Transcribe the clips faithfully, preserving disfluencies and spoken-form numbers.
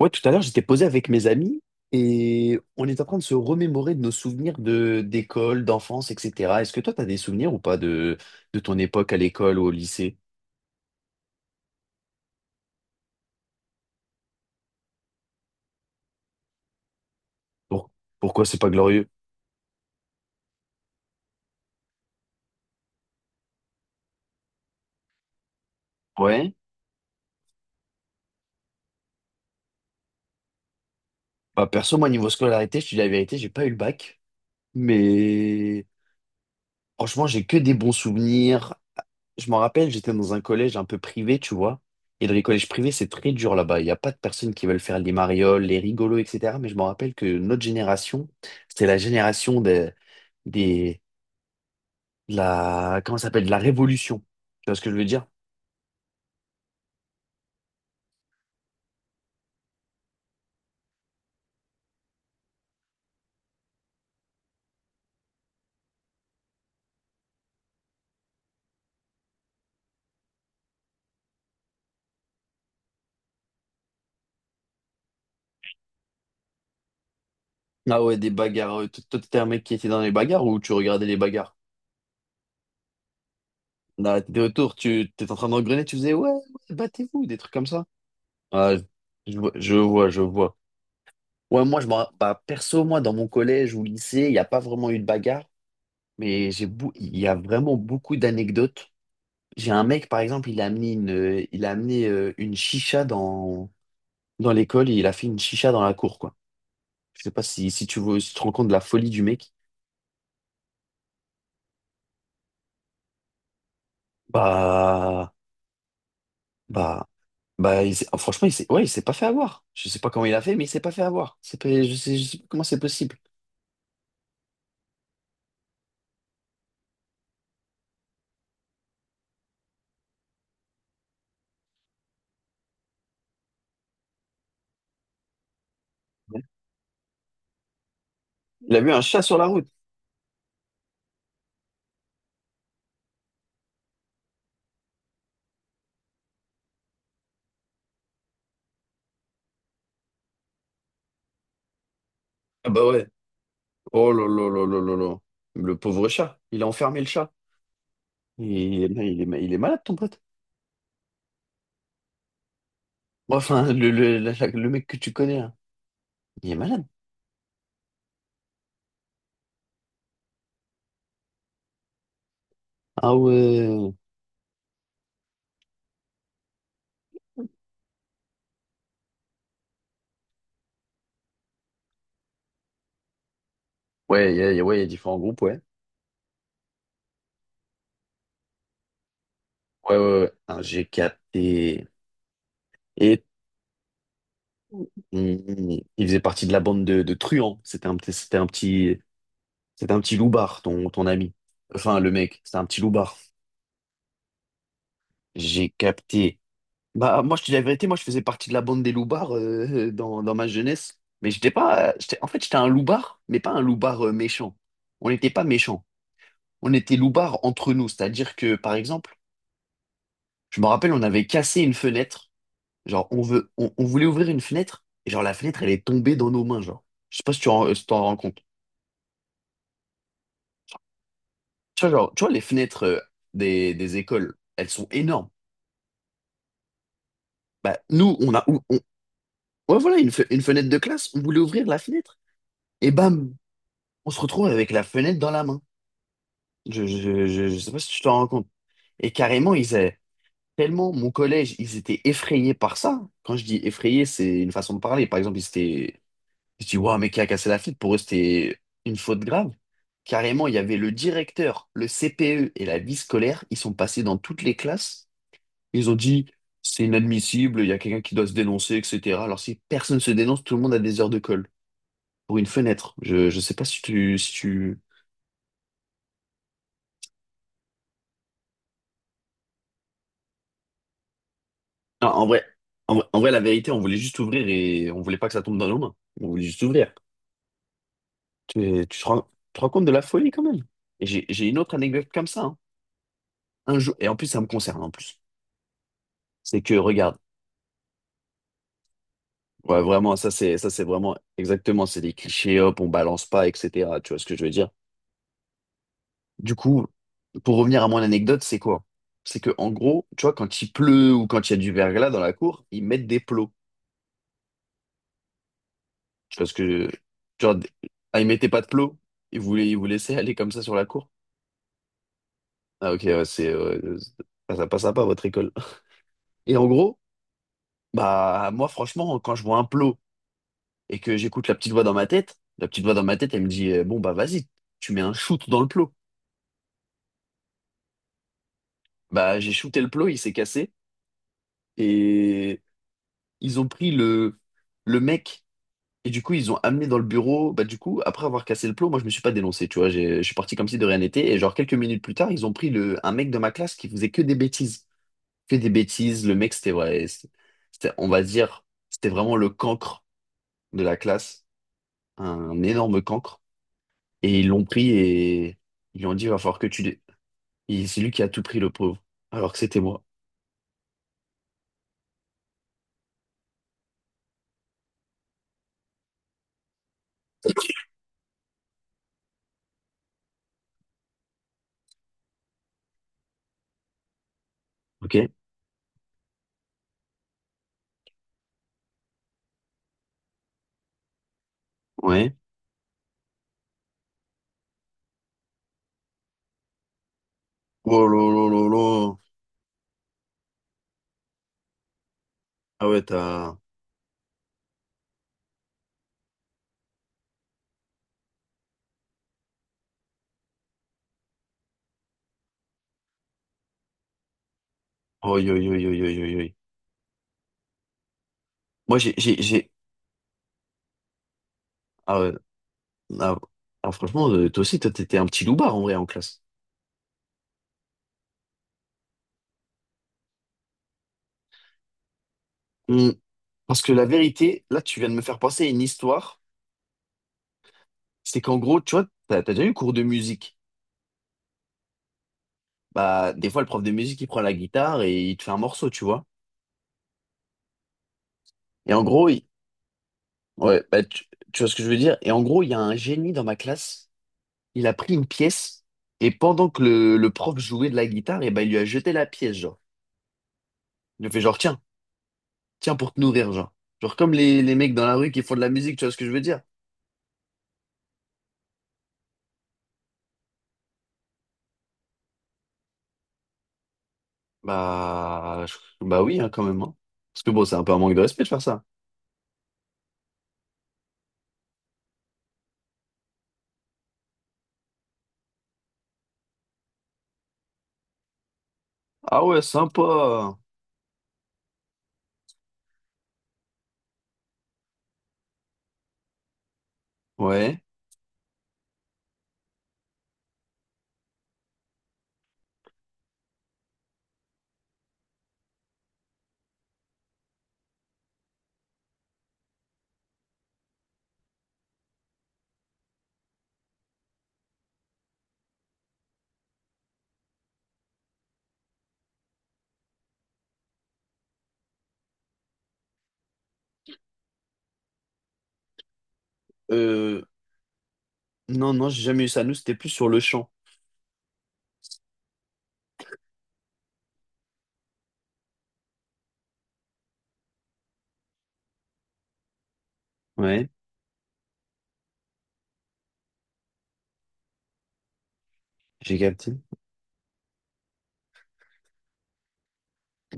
Ouais, tout à l'heure, j'étais posé avec mes amis et on est en train de se remémorer de nos souvenirs de d'école, d'enfance, et cetera. Est-ce que toi, t'as des souvenirs ou pas de, de ton époque à l'école ou au lycée? Pour- pourquoi c'est pas glorieux? Ouais. Bah, perso, moi, niveau scolarité, je te dis la vérité, j'ai pas eu le bac. Mais franchement, j'ai que des bons souvenirs. Je m'en rappelle, j'étais dans un collège un peu privé, tu vois. Et dans les collèges privés, c'est très dur là-bas. Il n'y a pas de personnes qui veulent faire les marioles, les rigolos, et cetera. Mais je me rappelle que notre génération, c'était la génération des, des, de la, comment ça s'appelle, de la révolution. Tu vois ce que je veux dire? Ah ouais, des bagarres. Euh, Toi, toi, t'étais un mec qui était dans les bagarres ou tu regardais les bagarres? Là, t'étais autour, tu t'étais en train d'engrener, tu faisais ouais, ouais, battez-vous, des trucs comme ça. Ah, je, je vois, je vois, je vois. Ouais, moi, je m'en, bah, perso, moi, dans mon collège ou lycée, il n'y a pas vraiment eu de bagarre. Mais j'ai beau- il y a vraiment beaucoup d'anecdotes. J'ai un mec, par exemple, il a amené une, euh, il a amené euh, une chicha dans, dans l'école et il a fait une chicha dans la cour, quoi. Je sais pas si, si tu veux, si tu te rends compte de la folie du mec. Bah, bah, bah, il s'est- oh, franchement, il s'est, ouais, il s'est pas fait avoir. Je sais pas comment il a fait, mais il s'est pas fait avoir. C'est pas- je sais, je sais pas comment c'est possible. Il a vu un chat sur la route. Ah bah ouais. Oh là là là là là là. Le pauvre chat. Il a enfermé le chat. Il, il est, il est malade, ton pote. Ouais, enfin, le, le, la- la- le mec que tu connais, là, il est malade. Ah ouais. Ouais, il y a, il y a- ouais, il y a différents groupes, ouais. Ouais, ouais, ouais. Ah, j'ai capté. Et il, il faisait partie de la bande de, de truands. C'était un, petit- c'était un petit, c'était un petit loubard, ton, ton ami. Enfin, le mec, c'était un petit loubard. J'ai capté. Bah, moi, je te dis la vérité, moi, je faisais partie de la bande des loubards euh, dans, dans ma jeunesse. Mais j'étais pas, j'étais, en fait, j'étais un loubard, mais pas un loubard euh, méchant. On n'était pas méchants. On était loubards entre nous. C'est-à-dire que, par exemple, je me rappelle, on avait cassé une fenêtre. Genre, on veut, on, on voulait ouvrir une fenêtre. Et genre, la fenêtre, elle est tombée dans nos mains, genre. Je sais pas si tu en- si t'en rends compte. Tu vois, genre, tu vois, les fenêtres euh, des, des écoles, elles sont énormes. Bah, nous, on a, ou- on, ouais, voilà, une, fe- une fenêtre de classe. On voulait ouvrir la fenêtre. Et bam, on se retrouve avec la fenêtre dans la main. Je, je, je, je sais pas si tu t'en rends compte. Et carrément, ils avaient tellement, mon collège, ils étaient effrayés par ça. Quand je dis effrayés, c'est une façon de parler. Par exemple, ils étaient je dis, waouh, mais qui a cassé la fille? Pour eux, c'était une faute grave. Carrément, il y avait le directeur, le C P E et la vie scolaire. Ils sont passés dans toutes les classes. Ils ont dit, c'est inadmissible, il y a quelqu'un qui doit se dénoncer, et cetera. Alors, si personne se dénonce, tout le monde a des heures de colle pour une fenêtre. Je, je sais pas si tu, si tu... Non, en vrai, en vrai, en vrai, la vérité, on voulait juste ouvrir et on voulait pas que ça tombe dans nos mains. On voulait juste ouvrir. Tu, tu te rends, tu te rends compte de la folie quand même. Et j'ai, j'ai une autre anecdote comme ça, hein. Un jour, et en plus, ça me concerne en plus. C'est que, regarde. Ouais, vraiment, ça c'est ça c'est vraiment exactement, c'est des clichés, hop, on balance pas, et cetera. Tu vois ce que je veux dire? Du coup, pour revenir à mon anecdote, c'est quoi? C'est que en gros, tu vois, quand il pleut ou quand il y a du verglas dans la cour, ils mettent des plots. Tu vois ce que tu vois, des- ah, ils mettaient pas de plots, ils voulaient ils vous laissaient aller comme ça sur la cour. Ah ok, ouais, c'est euh, ça ça passe pas votre école. Et en gros, bah moi franchement, quand je vois un plot et que j'écoute la petite voix dans ma tête, la petite voix dans ma tête, elle me dit euh, bon bah vas-y, tu mets un shoot dans le plot. Bah, j'ai shooté le plot, il s'est cassé. Et ils ont pris le, le mec. Et du coup, ils ont amené dans le bureau. Bah, du coup, après avoir cassé le plot, moi, je me suis pas dénoncé, tu vois. J'ai- Je suis parti comme si de rien n'était. Et genre, quelques minutes plus tard, ils ont pris le, un mec de ma classe qui faisait que des bêtises. Que des bêtises. Le mec, c'était, ouais. C'était, c'était- on va dire, c'était vraiment le cancre de la classe. Un énorme cancre. Et ils l'ont pris et ils lui ont dit, va falloir que tu. dé- Et c'est lui qui a tout pris, le pauvre. Alors que c'était moi. Ok? Ouais. Oh là là là là. Ah ouais, t'as... Oh, yo, yo, yo, yo, yo, yo. Moi, j'ai... j'ai- j'ai- Ah, ouais. Ah, ah, franchement, euh, toi aussi, toi, t'étais un petit loupard, en vrai, en classe. Hmm. Parce que la vérité, là, tu viens de me faire penser à une histoire. C'est qu'en gros, tu vois, t'as, t'as déjà eu cours de musique. Bah, des fois, le prof de musique, il prend la guitare et il te fait un morceau, tu vois. Et en gros, il- ouais, bah, tu, tu vois ce que je veux dire? Et en gros, il y a un génie dans ma classe. Il a pris une pièce et pendant que le, le prof jouait de la guitare, et bah, il lui a jeté la pièce, genre. Il lui a fait genre, tiens, tiens, pour te nourrir, genre. Genre comme les, les mecs dans la rue qui font de la musique, tu vois ce que je veux dire? Bah, je- bah oui, hein, quand même, hein. Parce que bon, c'est un peu un manque de respect de faire ça. Ah ouais, sympa. Ouais. Euh, non, non, j'ai jamais eu ça. Nous, c'était plus sur le champ. Ouais, j'ai capté.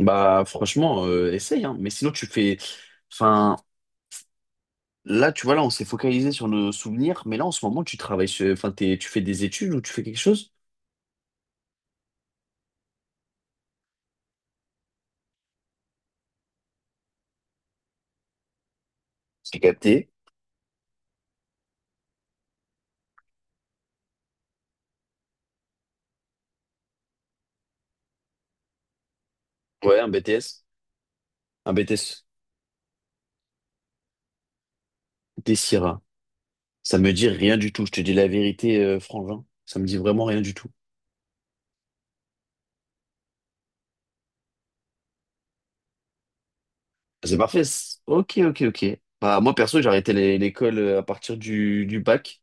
Bah, franchement, euh, essaye, hein. Mais sinon, tu fais. Enfin, là, tu vois, là, on s'est focalisé sur nos souvenirs. Mais là, en ce moment, tu travailles sur. Enfin, t'es- tu fais des études ou tu fais quelque chose? J'ai capté. Ouais, un B T S. Un B T S. Des Ça me dit rien du tout. Je te dis la vérité, euh, Frangin. Ça me dit vraiment rien du tout. Ah, c'est parfait. c'est- Ok, ok, ok. Bah, moi, perso, j'ai arrêté l'é- l'école euh, à partir du, du bac.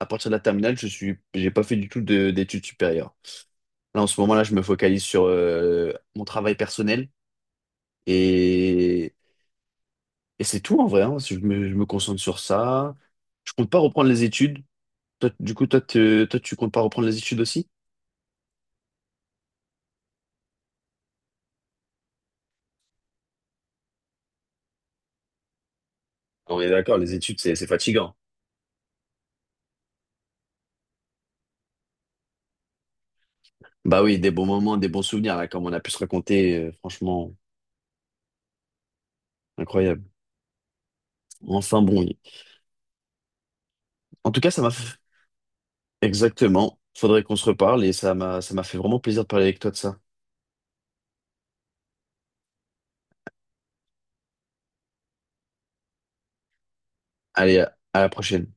À partir de la terminale, je suis, j'ai pas fait du tout de- d'études supérieures. Là, en ce moment-là, je me focalise sur euh, mon travail personnel et, et c'est tout en vrai, hein. Je me, je me concentre sur ça. Je compte pas reprendre les études. Toi, du coup, toi, te- toi, tu comptes pas reprendre les études aussi? On est d'accord, les études, c'est c'est fatigant. Bah oui, des bons moments, des bons souvenirs, là, comme on a pu se raconter, euh, franchement, incroyable. Enfin bon, y- en tout cas, ça m'a fait... Exactement, faudrait qu'on se reparle et ça m'a ça m'a fait vraiment plaisir de parler avec toi de ça. Allez, à à la prochaine.